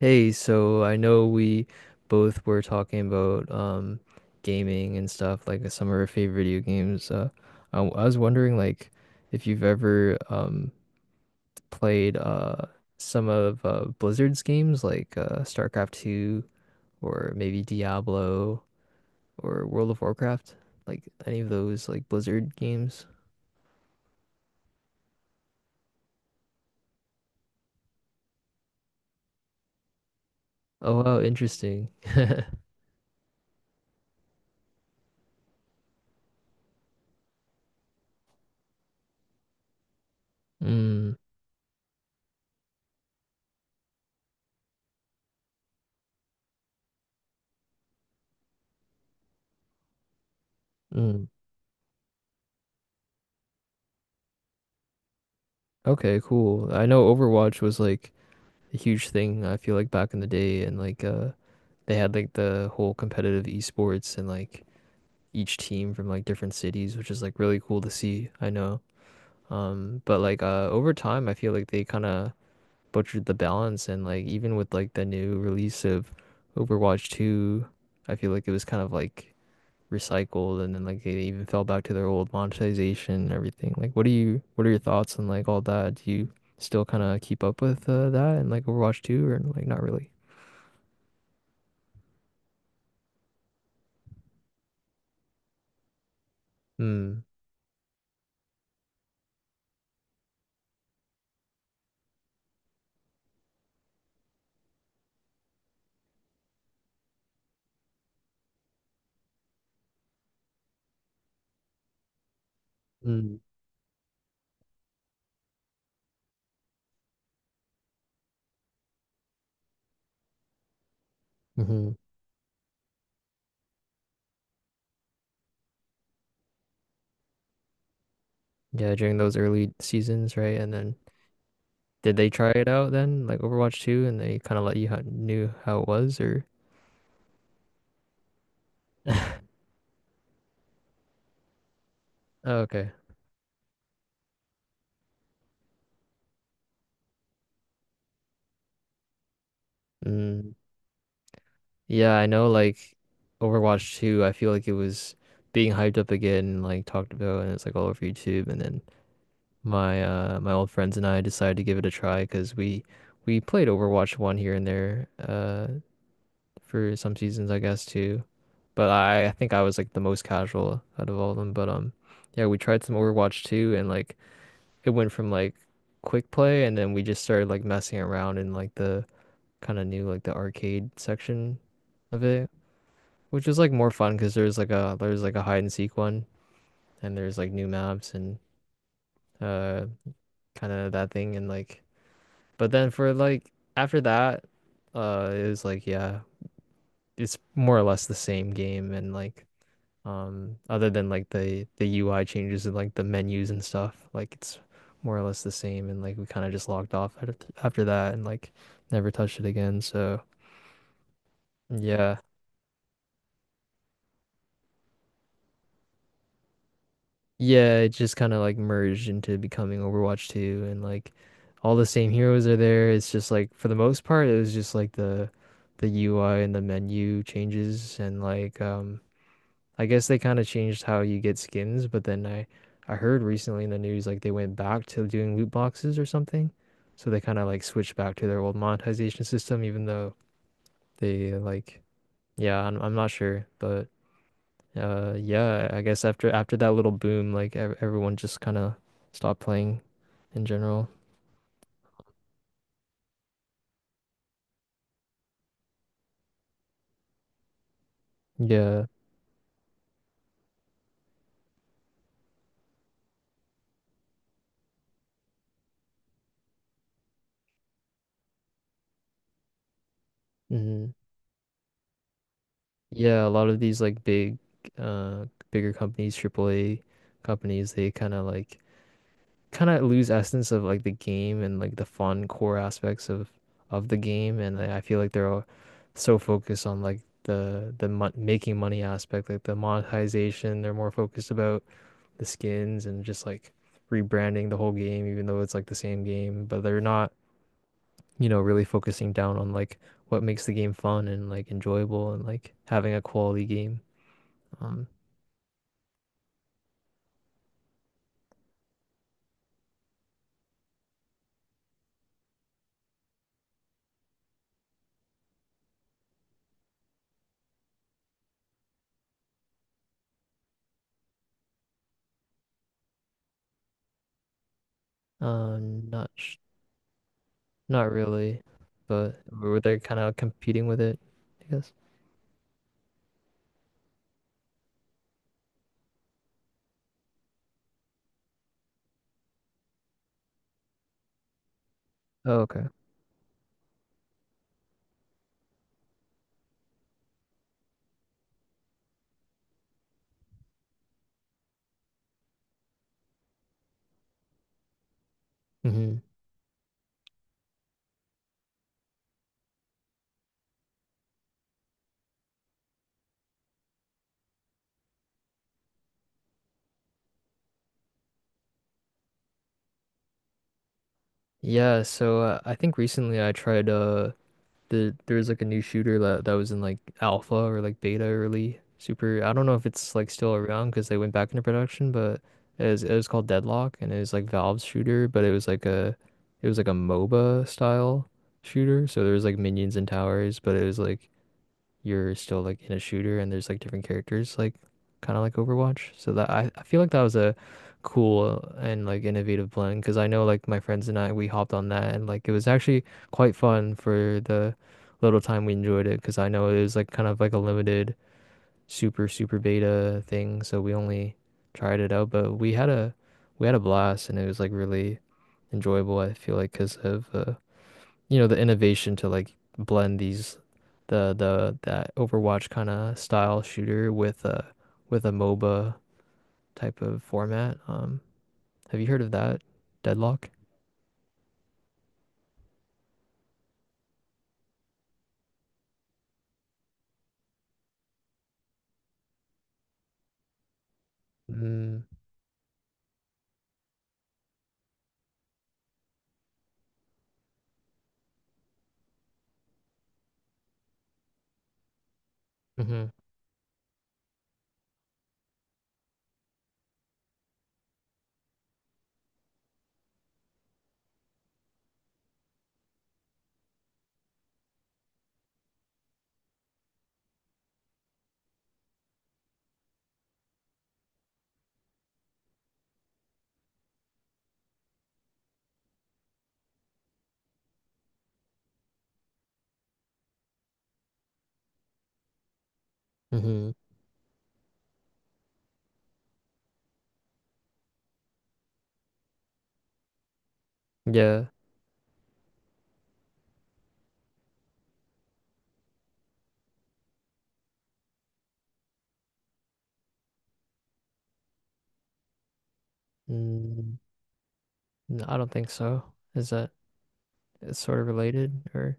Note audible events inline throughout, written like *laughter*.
Hey, so I know we both were talking about gaming and stuff, like some of our favorite video games. I was wondering like if you've ever played some of Blizzard's games like StarCraft 2 or maybe Diablo or World of Warcraft, like any of those like Blizzard games. Oh wow, interesting. *laughs* Mm, mm. Okay, cool. I know Overwatch was like a huge thing, I feel like back in the day, and like they had like the whole competitive esports and like each team from like different cities, which is like really cool to see, I know. Um, but like over time I feel like they kind of butchered the balance, and like even with like the new release of Overwatch 2, I feel like it was kind of like recycled, and then like they even fell back to their old monetization and everything. Like what do you what are your thoughts on like all that? Do you still kind of keep up with that and like Overwatch 2 or like not really? Mm, mm, hmm. Yeah, during those early seasons, right? And then did they try it out then, like Overwatch 2, and they kind of let you ho knew how it was, or? Oh, okay. Mm. Yeah, I know, like Overwatch 2, I feel like it was being hyped up again, like talked about, and it's like all over YouTube. And then my old friends and I decided to give it a try because we played Overwatch 1 here and there for some seasons, I guess, too. But I think I was like the most casual out of all of them. But yeah, we tried some Overwatch 2 and like it went from like quick play, and then we just started like messing around in like the kind of new, like the arcade section of it, which was like more fun because there's like a hide and seek one, and there's like new maps and uh kind of that thing. And like but then for like after that it was like yeah, it's more or less the same game. And like other than like the UI changes and like the menus and stuff, like it's more or less the same. And like we kind of just logged off at after that, and like never touched it again. So yeah, yeah, it just kind of like merged into becoming Overwatch 2, and like all the same heroes are there. It's just like for the most part, it was just like the UI and the menu changes, and like I guess they kind of changed how you get skins, but then I heard recently in the news like they went back to doing loot boxes or something. So they kind of like switched back to their old monetization system, even though they like yeah, I'm not sure, but yeah, I guess after that little boom like ev everyone just kind of stopped playing in general. Yeah. Hmm. Yeah, a lot of these like big bigger companies, AAA companies, they kind of like kind of lose essence of like the game and like the fun core aspects of the game. And like, I feel like they're all so focused on like the mon making money aspect, like the monetization, they're more focused about the skins and just like rebranding the whole game, even though it's like the same game. But they're not, you know, really focusing down on like what makes the game fun and like enjoyable and like having a quality game. um Not sh not really, but were they kind of competing with it, I guess? Okay. Hmm. Yeah, so I think recently I tried uh, there was like a new shooter that was in like alpha or like beta early super. I don't know if it's like still around because they went back into production, but it was called Deadlock, and it was like Valve's shooter, but it was like a MOBA style shooter. So there was like minions and towers, but it was like you're still like in a shooter and there's like different characters, like kind of like Overwatch. So that I feel like that was a cool and like innovative blend, because I know like my friends and I, we hopped on that, and like it was actually quite fun for the little time we enjoyed it, because I know it was like kind of like a limited super super beta thing, so we only tried it out. But we had a blast, and it was like really enjoyable, I feel like because of you know, the innovation to like blend these the that Overwatch kind of style shooter with a MOBA type of format. Have you heard of that? Deadlock? Mm, mm-hmm, mm-hmm. Yeah. Mm, no, I don't think so. Is that it's sort of related, or?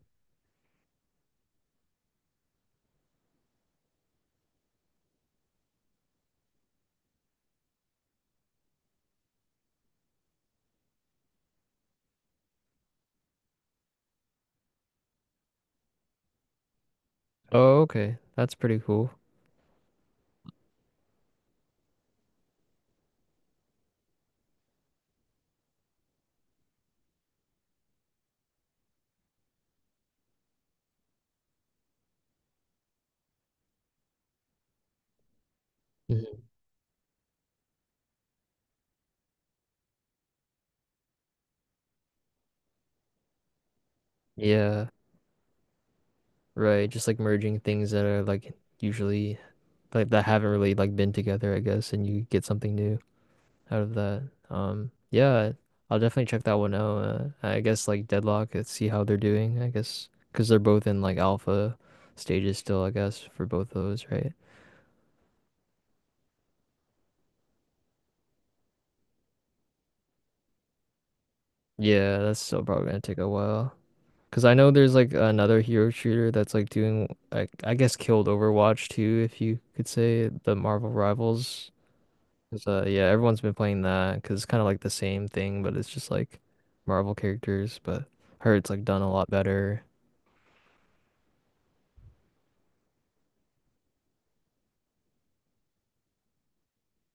Oh, okay. That's pretty cool. Mhm. Yeah, right. Just like merging things that are like usually like that haven't really like been together, I guess, and you get something new. Out of that. Yeah, I'll definitely check that one out. I guess like Deadlock, let's see how they're doing, I guess, because they're both in like alpha stages still, I guess, for both of those, right? Yeah, that's still probably gonna take a while. Because I know there's like another hero shooter that's like doing, like, I guess, killed Overwatch too, if you could say, the Marvel Rivals. 'Cause, yeah, everyone's been playing that because it's kind of like the same thing, but it's just like Marvel characters. But I heard it's like done a lot better.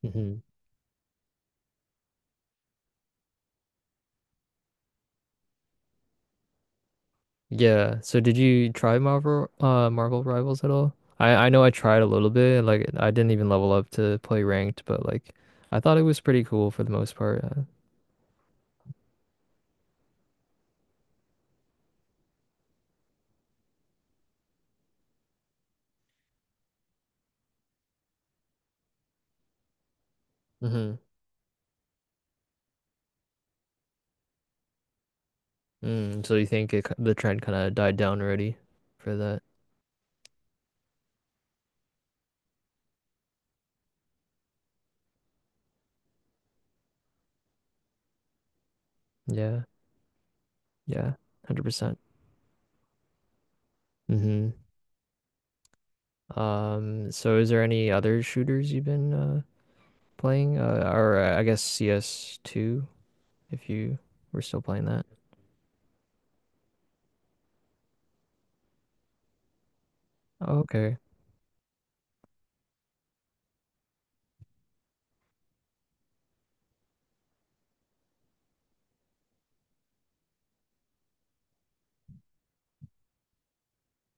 Hmm. Yeah. So did you try Marvel Marvel Rivals at all? I know I tried a little bit. Like I didn't even level up to play ranked, but like I thought it was pretty cool for the most part. Hmm. Mm, so you think it, the trend kind of died down already for that? Yeah. Yeah. 100%. Mm-hmm. So is there any other shooters you've been playing or I guess CS2, if you were still playing that? Oh, okay.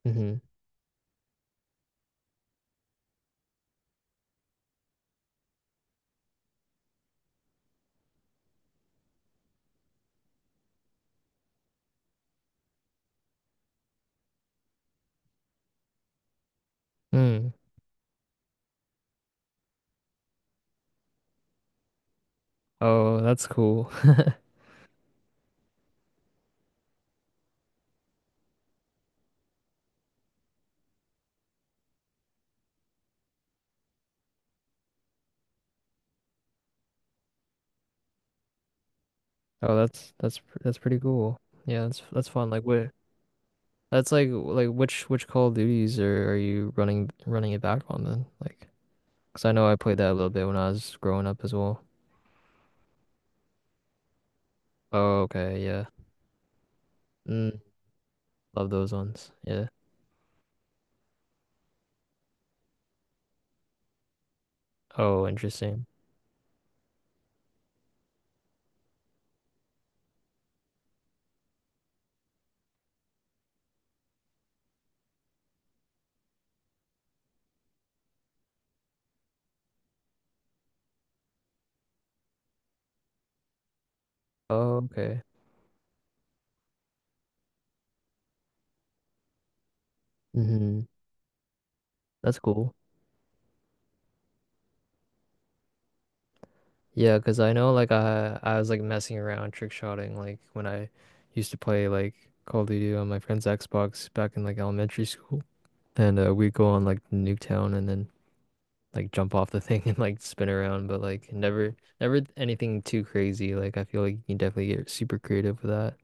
Mm-hmm. Mm. Oh, that's cool. *laughs* Oh, that's pretty cool. Yeah, that's fun. Like what? That's like which Call of Duties are you running it back on then? Like, 'cause I know I played that a little bit when I was growing up as well. Oh, okay, yeah. Mm, love those ones. Yeah. Oh, interesting. Oh, okay. Mm-hmm. That's cool. Yeah, 'cause I know like I was like messing around trick shotting like when I used to play like Call of Duty on my friend's Xbox back in like elementary school, and we'd go on like Nuketown and then. Like jump off the thing and like spin around, but like never anything too crazy. Like I feel like you can definitely get super creative with that.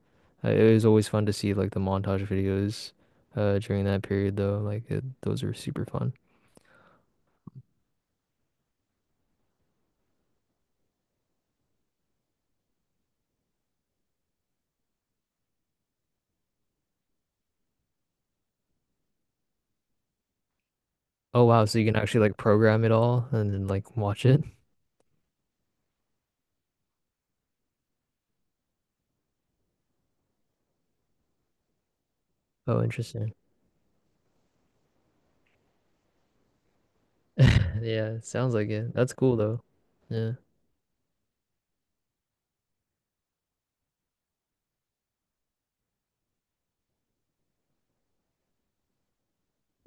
It was always fun to see like the montage videos during that period though. Like it, those are super fun. Oh wow, so you can actually like program it all and then like watch it. Oh, interesting. *laughs* Yeah, sounds like it. That's cool though. Yeah.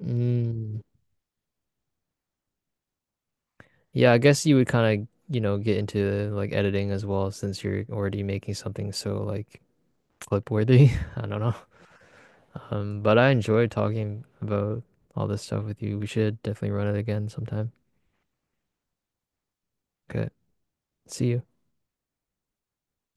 Mm. Yeah, I guess you would kind of, you know, get into like editing as well, since you're already making something so like clip worthy. *laughs* I don't know. But I enjoyed talking about all this stuff with you. We should definitely run it again sometime. Okay. See you.